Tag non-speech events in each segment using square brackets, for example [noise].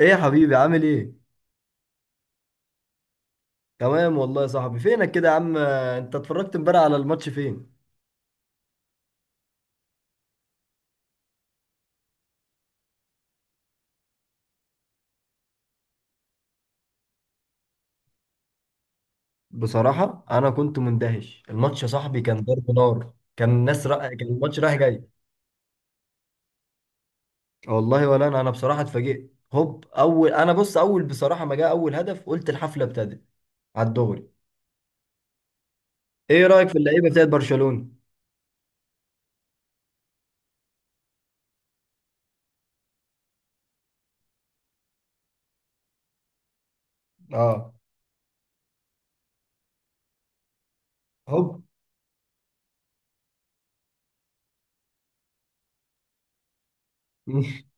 ايه يا حبيبي عامل ايه؟ تمام والله يا صاحبي. فينك كده يا عم؟ انت اتفرجت امبارح على الماتش فين؟ بصراحة انا كنت مندهش، الماتش يا صاحبي كان ضرب نار، كان كان الماتش رايح جاي. والله ولا انا بصراحة اتفاجئت. هوب اول، انا بص اول بصراحة ما جاء اول هدف قلت الحفلة ابتدت على الدغري. ايه رأيك في اللعيبة بتاعت برشلونة؟ اه. هوب. [laughs]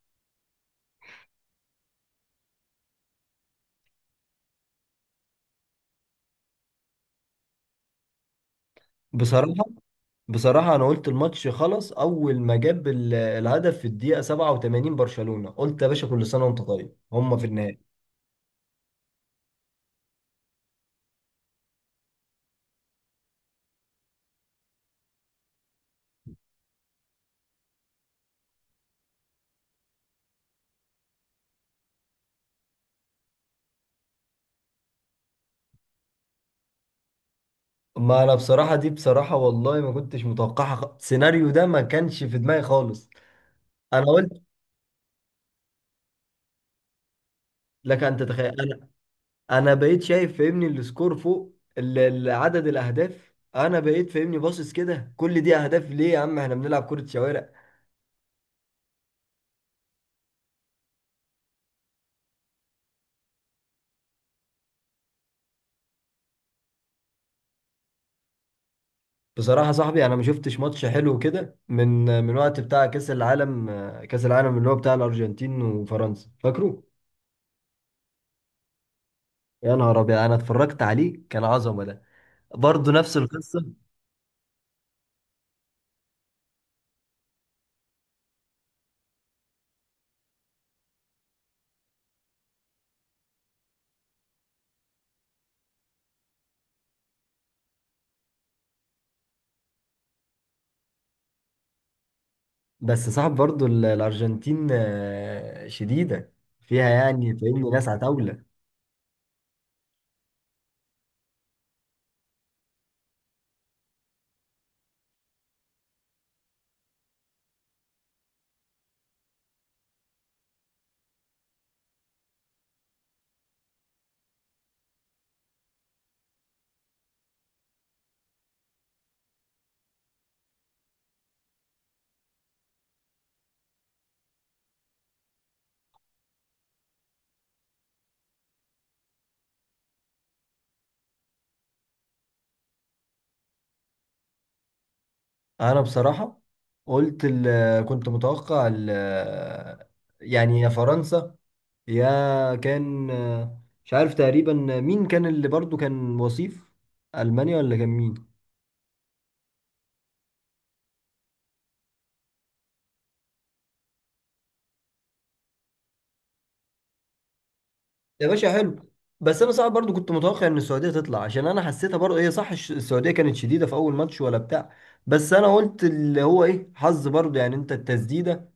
بصراحة بصراحة أنا قلت الماتش خلص أول ما جاب الهدف في الدقيقة 87، برشلونة، قلت يا باشا كل سنة وأنت طيب، هما في النهائي. ما أنا بصراحة دي، بصراحة والله ما كنتش متوقعها. السيناريو ده ما كانش في دماغي خالص. أنا قلت، لك أن تتخيل. أنا بقيت شايف فاهمني السكور فوق عدد الأهداف، أنا بقيت فاهمني باصص كده، كل دي أهداف ليه يا عم؟ إحنا بنلعب كرة شوارع. بصراحة صاحبي أنا ما شفتش ماتش حلو كده من، وقت بتاع كأس العالم، كأس العالم اللي هو بتاع الأرجنتين وفرنسا، فاكره؟ يا نهار أبيض، أنا اتفرجت عليه كان عظمة ده، برضه نفس القصة. بس صاحب برضه الأرجنتين شديدة، فيها يعني فاهمني ناس عتاولة. أنا بصراحة قلت كنت متوقع يعني يا فرنسا يا كان، مش عارف تقريبا مين كان اللي برضه كان وصيف، ألمانيا ولا كان مين؟ يا باشا حلو. بس انا صعب برضو، كنت متوقع ان السعوديه تطلع، عشان انا حسيتها برضو هي صح، السعوديه كانت شديده في اول ماتش ولا بتاع. بس انا قلت اللي هو ايه حظ برضو يعني، انت التسديده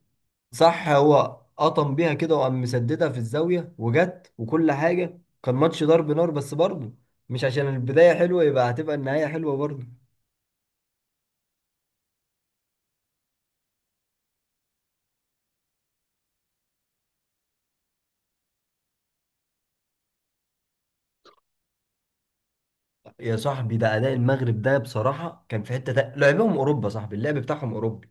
صح، هو قطم بيها كده وقام مسددها في الزاويه وجت، وكل حاجه كان ماتش ضرب نار. بس برضو مش عشان البدايه حلوه يبقى هتبقى النهايه حلوه برضو. يا صاحبي ده اداء المغرب ده بصراحه كان في حته، لعبهم اوروبا صاحبي، اللعب بتاعهم اوروبي.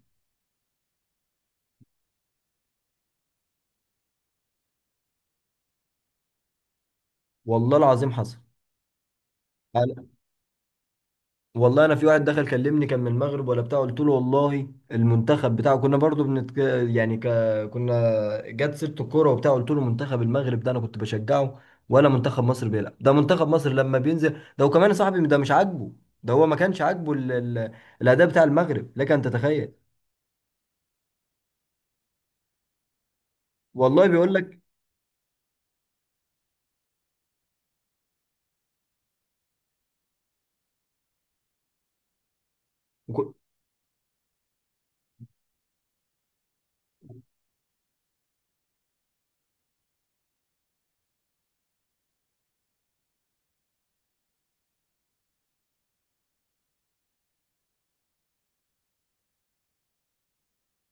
والله العظيم حصل. والله انا في واحد دخل كلمني كان من المغرب ولا بتاع، قلت له والله المنتخب بتاعه كنا برضو بنت، يعني ك... كنا، جت سيره الكوره وبتاع، قلت له منتخب المغرب ده انا كنت بشجعه ولا منتخب مصر بيلعب، ده منتخب مصر لما بينزل ده، وكمان يا صاحبي ده مش عاجبه، ده هو ما كانش عاجبه الاداء بتاع المغرب، لك ان تتخيل. والله بيقول لك. وك-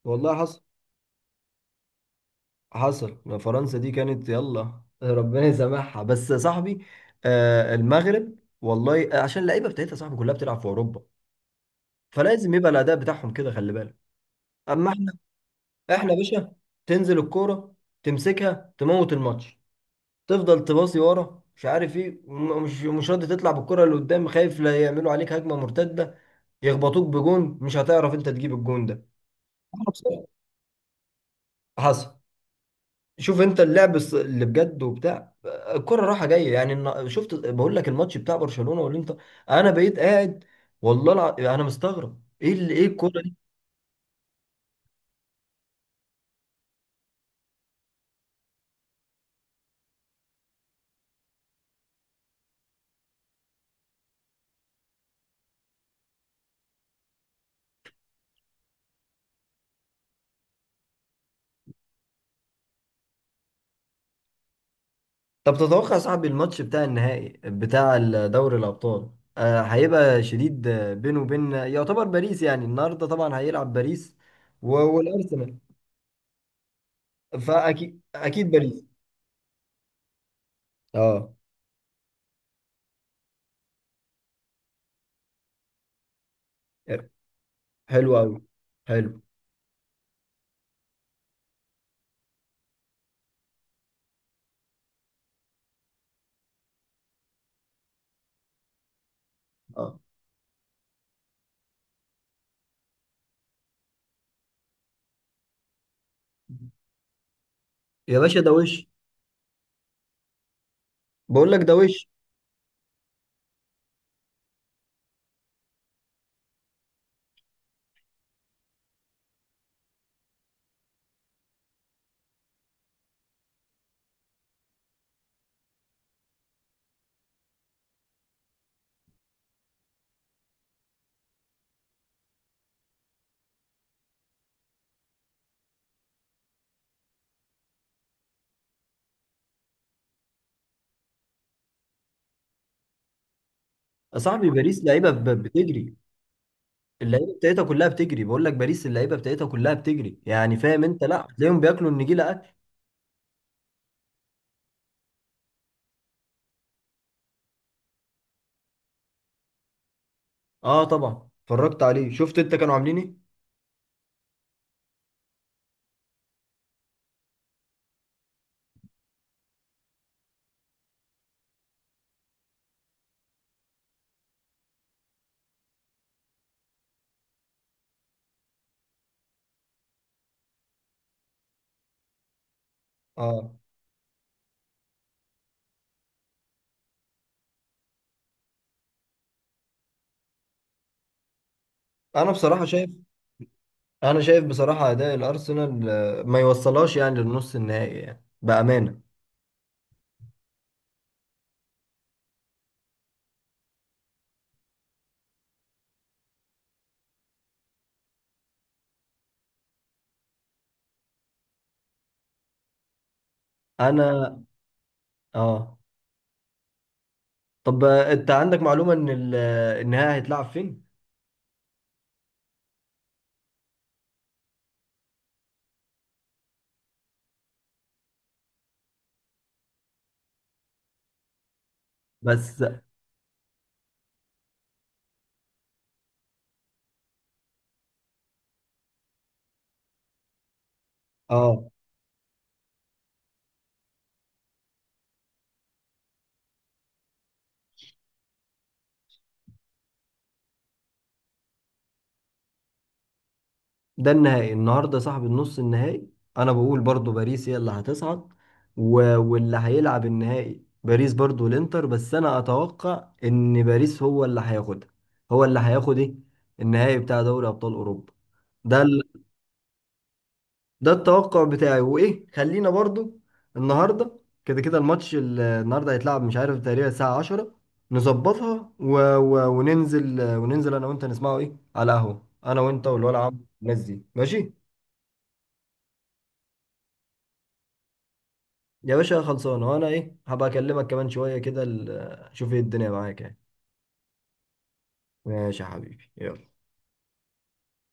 والله حصل. حصل. فرنسا دي كانت يلا ربنا يسامحها، بس يا صاحبي آه المغرب، والله عشان اللعيبه بتاعتها يا صاحبي كلها بتلعب في اوروبا، فلازم يبقى الاداء بتاعهم كده، خلي بالك. اما احنا، احنا يا باشا تنزل الكوره تمسكها تموت الماتش، تفضل تباصي ورا مش عارف ايه، مش راضي تطلع بالكره اللي قدام، خايف لا يعملوا عليك هجمه مرتده يخبطوك بجون مش هتعرف انت تجيب الجون ده. أنا بصراحة حصل. شوف انت اللعب اللي بجد وبتاع، الكرة رايحة جاية يعني، شفت بقول لك الماتش بتاع برشلونة والانتر، انا بقيت قاعد والله انا مستغرب ايه اللي ايه الكرة. طب تتوقع يا صاحبي الماتش بتاع النهائي بتاع دوري الأبطال هيبقى شديد؟ بينه وبين يعتبر باريس، يعني النهارده طبعا هيلعب باريس والأرسنال. فأكيد أكيد باريس. اه. حلو أوي. حلو. اه، يا باشا ده وش، بقول لك ده وش. يا صاحبي باريس لعيبة، بتجري اللعيبة بتاعتها كلها بتجري، بقول لك باريس اللعيبة بتاعتها كلها بتجري، يعني فاهم انت، لا هتلاقيهم بياكلوا النجيلة أكل. اه طبعا اتفرجت عليه، شفت انت كانوا عاملين ايه. اه انا بصراحة شايف، انا شايف بصراحه اداء الارسنال ما يوصلهاش يعني للنص النهائي يعني بامانه. انا اه. طب انت عندك معلومه ان النهائي هيتلعب فين؟ بس اه، ده النهائي النهارده صاحب، النص النهائي. انا بقول برضو باريس هي اللي هتصعد، و... واللي هيلعب النهائي باريس برضو الانتر، بس انا اتوقع ان باريس هو اللي هياخدها. هو اللي هياخد ايه؟ النهائي بتاع دوري ابطال اوروبا ده. ده التوقع بتاعي. وايه، خلينا برضو النهارده كده كده الماتش النهارده هيتلعب مش عارف تقريبا الساعة 10، نظبطها و... و... وننزل، وننزل انا وانت نسمعه ايه على قهوة انا وانت والولد عم الناس دي، ماشي؟ يا باشا خلصانه. وانا ايه هبقى اكلمك كمان شوية كده، شوف ايه الدنيا معاك يعني. ماشي يا حبيبي، يلا.